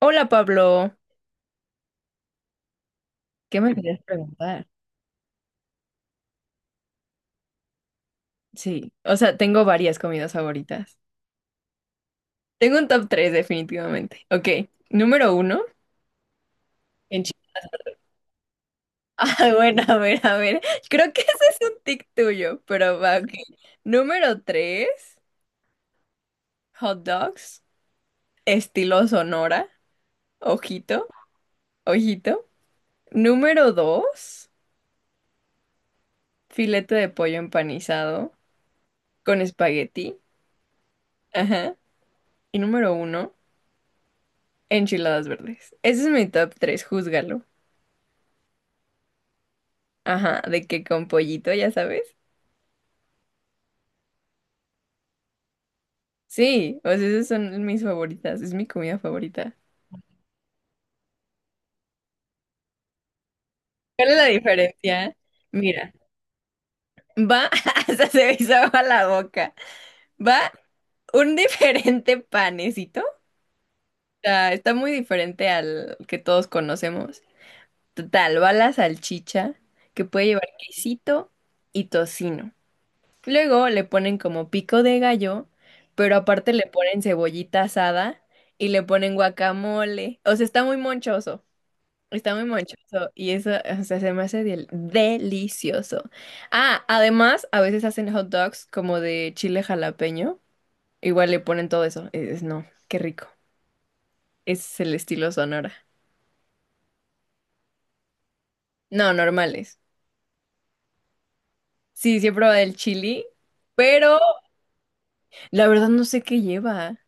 Hola Pablo, ¿qué me querías preguntar? Sí, o sea, tengo varias comidas favoritas. Tengo un top 3 definitivamente. Ok, número uno. en chi- Ah, bueno, a ver, a ver. Creo que ese es un tic tuyo, pero va, ok. Número tres, hot dogs, estilo Sonora, ojito, ojito. Número 2, filete de pollo empanizado con espagueti. Ajá. Y número uno, enchiladas verdes. Ese es mi top 3. Júzgalo. Ajá, de que con pollito, ya sabes. Sí, o sea, esas son mis favoritas, es mi comida favorita. ¿Cuál es la diferencia? Mira, va, hasta se me hizo agua la boca. Va un diferente panecito. O sea, está muy diferente al que todos conocemos. Total, va la salchicha, que puede llevar quesito y tocino. Luego le ponen como pico de gallo, pero aparte le ponen cebollita asada y le ponen guacamole. O sea, está muy monchoso. Está muy monchoso y eso, o sea, se me hace delicioso. Ah, además, a veces hacen hot dogs como de chile jalapeño. Igual le ponen todo eso. Es, no, qué rico. Ese es el estilo Sonora. No, normales. Sí, sí he probado el chili, pero la verdad no sé qué lleva.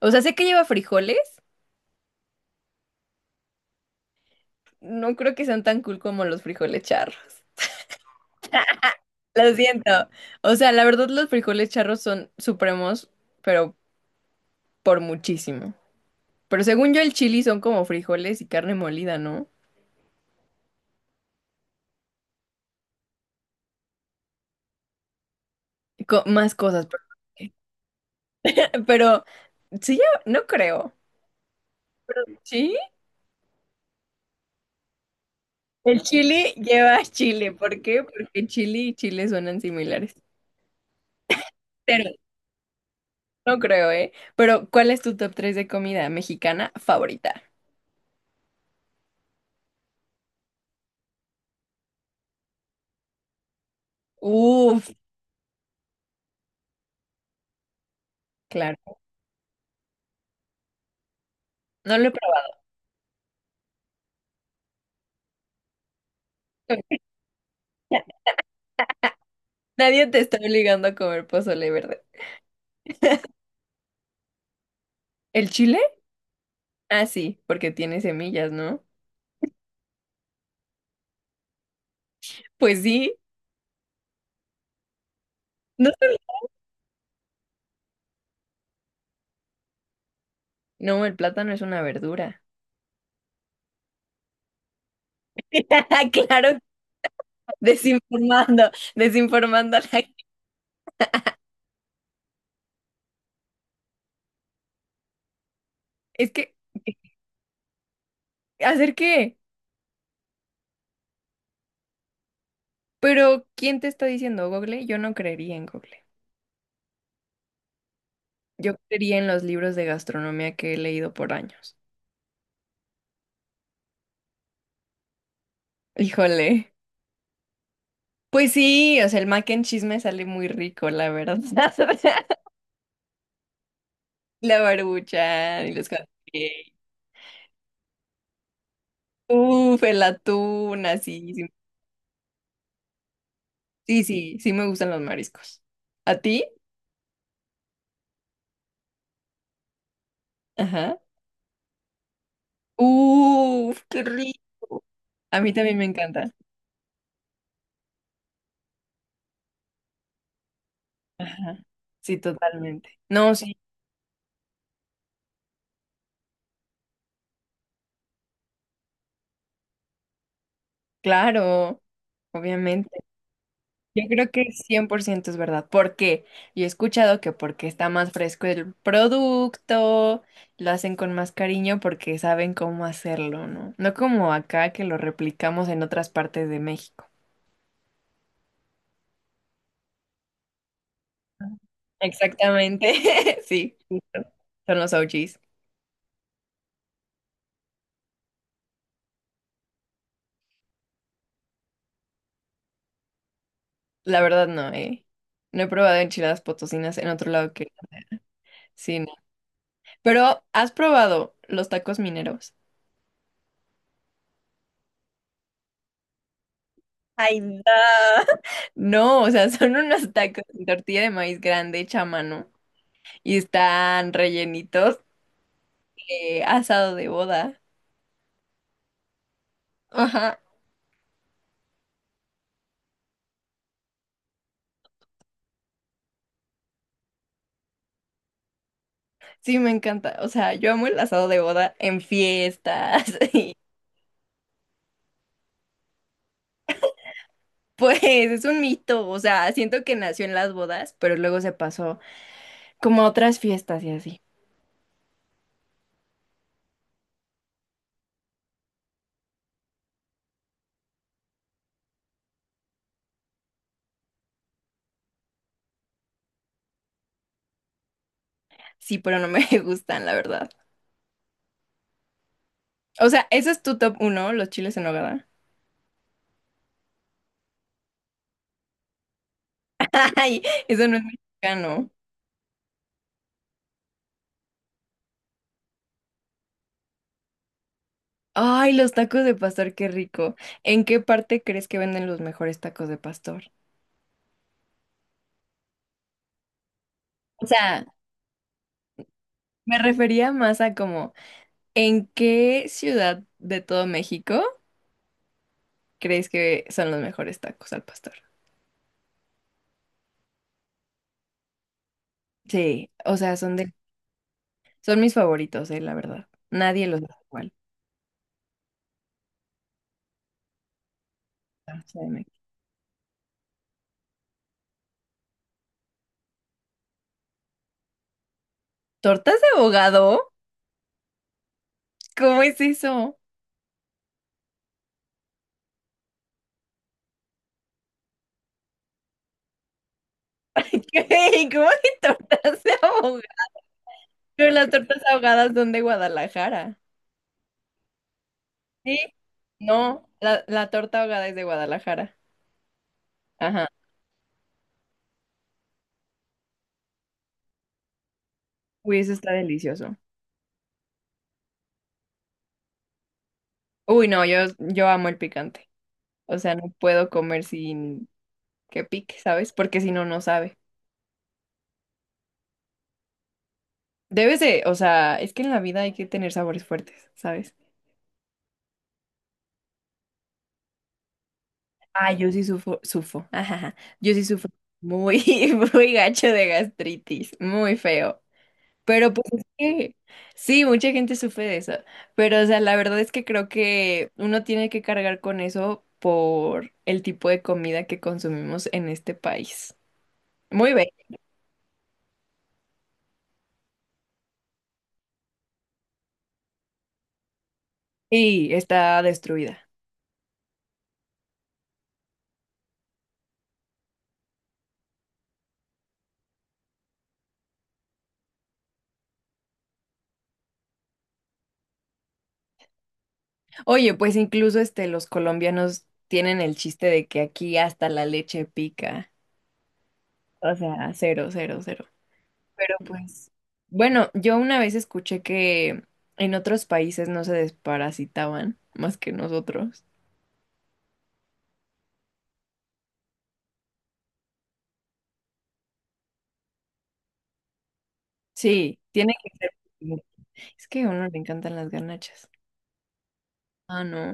O sea, sé que lleva frijoles. No creo que sean tan cool como los frijoles charros. Lo siento. O sea, la verdad los frijoles charros son supremos, pero por muchísimo. Pero según yo el chili son como frijoles y carne molida, ¿no? Más cosas, pero, pero sí, yo no creo. ¿Sí? El chili lleva chile. ¿Por qué? Porque chili y chile suenan similares. Pero no creo, ¿eh? Pero ¿cuál es tu top 3 de comida mexicana favorita? Uf, claro. No lo he probado. Nadie te está obligando a comer pozole verde. ¿El chile? Ah, sí, porque tiene semillas, ¿no? Pues sí. No, sé. No, el plátano es una verdura. Claro, desinformando, desinformando a la gente. Es que, ¿hacer qué? Pero, ¿quién te está diciendo, Google? Yo no creería en Google. Yo creería en los libros de gastronomía que he leído por años. Híjole. Pues sí, o sea, el mac and cheese me sale muy rico, la verdad. La barbucha y los hot cakes. Uf, el atún, así. Sí, sí, sí, sí me gustan los mariscos. ¿A ti? Ajá. Uf, qué rico. A mí también me encanta. Ajá. Sí, totalmente. No, sí, claro, obviamente. Yo creo que 100% es verdad. ¿Por qué? Yo he escuchado que porque está más fresco el producto, lo hacen con más cariño porque saben cómo hacerlo, ¿no? No como acá que lo replicamos en otras partes de México. Exactamente, sí, justo. Son los OGs. La verdad no, eh. No he probado enchiladas potosinas en otro lado que sí, no. Pero, ¿has probado los tacos mineros? Ay, no. No, o sea, son unos tacos de tortilla de maíz grande hecha a mano y están rellenitos de asado de boda. Ajá, sí, me encanta. O sea, yo amo el asado de boda en fiestas y pues es un mito. O sea, siento que nació en las bodas, pero luego se pasó. Como otras fiestas y así. Sí, pero no me gustan, la verdad. O sea, ese es tu top uno, los chiles en nogada. Ay, eso no es mexicano. Ay, los tacos de pastor, qué rico. ¿En qué parte crees que venden los mejores tacos de pastor? O sea, me refería más a como, ¿en qué ciudad de todo México crees que son los mejores tacos al pastor? Sí, o sea, son de, son mis favoritos, la verdad. Nadie los hace igual. Tortas de México. ¿Tortas de abogado? ¿Cómo es eso? ¿Qué? ¿Cómo hay tortas de ahogadas? Pero las tortas ahogadas son de Guadalajara. Sí. No, la torta ahogada es de Guadalajara. Ajá. Uy, eso está delicioso. Uy, no, yo amo el picante. O sea, no puedo comer sin que pique, ¿sabes? Porque si no, no sabe. Debes de, o sea, es que en la vida hay que tener sabores fuertes, ¿sabes? Ah, yo sí sufro, sufro. Ajá, ajá. Yo sí sufro muy, muy gacho de gastritis. Muy feo. Pero pues es que sí, mucha gente sufre de eso. Pero o sea, la verdad es que creo que uno tiene que cargar con eso por el tipo de comida que consumimos en este país. Muy bien. Y está destruida. Oye, pues incluso este los colombianos tienen el chiste de que aquí hasta la leche pica. O sea, cero, cero, cero. Pero pues, bueno, yo una vez escuché que en otros países no se desparasitaban más que nosotros. Sí, tiene que ser. Es que a uno le encantan las garnachas. Ah, no.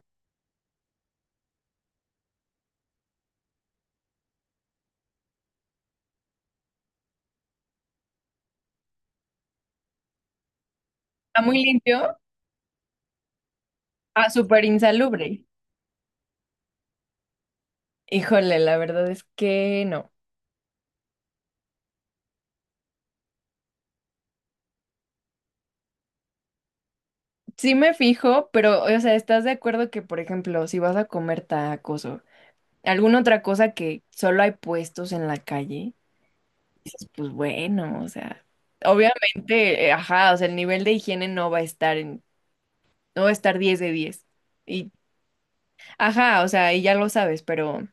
¿Está muy limpio? Ah, súper insalubre. Híjole, la verdad es que no. Sí me fijo, pero, o sea, ¿estás de acuerdo que, por ejemplo, si vas a comer tacos o alguna otra cosa que solo hay puestos en la calle, dices, pues bueno, o sea, obviamente, ajá, o sea, el nivel de higiene no va a estar en, no va a estar 10 de 10. Y, ajá, o sea, y ya lo sabes, pero...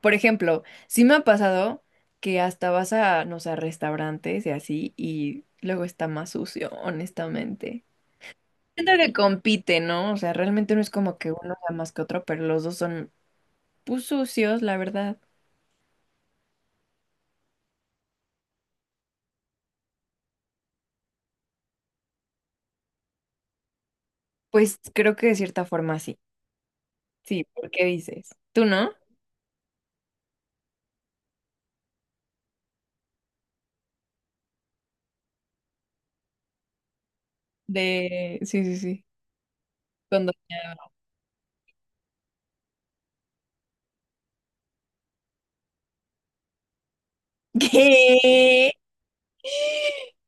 Por ejemplo, sí me ha pasado que hasta vas a, no sé, a restaurantes y así, y luego está más sucio, honestamente. Siento que compite, ¿no? O sea, realmente no es como que uno sea más que otro, pero los dos son, pues, sucios, la verdad. Pues creo que de cierta forma sí. Sí, ¿por qué dices? ¿Tú no? De... Sí, sí, sí. Cuando... ¿Qué?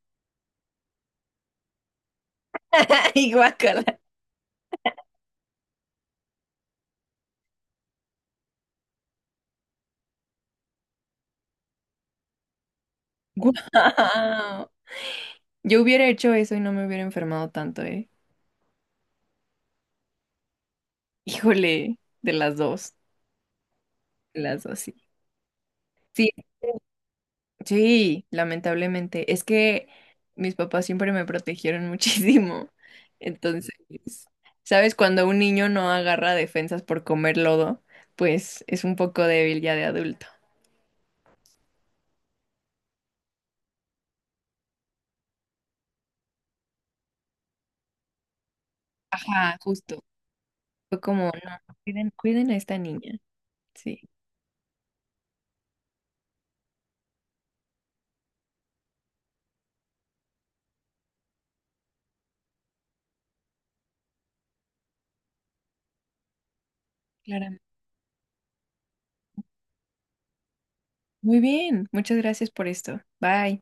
Ay, guácala. Guau. Yo hubiera hecho eso y no me hubiera enfermado tanto, ¿eh? Híjole, de las dos, sí. Sí, sí, lamentablemente. Es que mis papás siempre me protegieron muchísimo. Entonces, ¿sabes? Cuando un niño no agarra defensas por comer lodo, pues es un poco débil ya de adulto. Ajá, justo. Fue como, no, cuiden, cuiden a esta niña. Sí, claramente. Muy bien, muchas gracias por esto. Bye.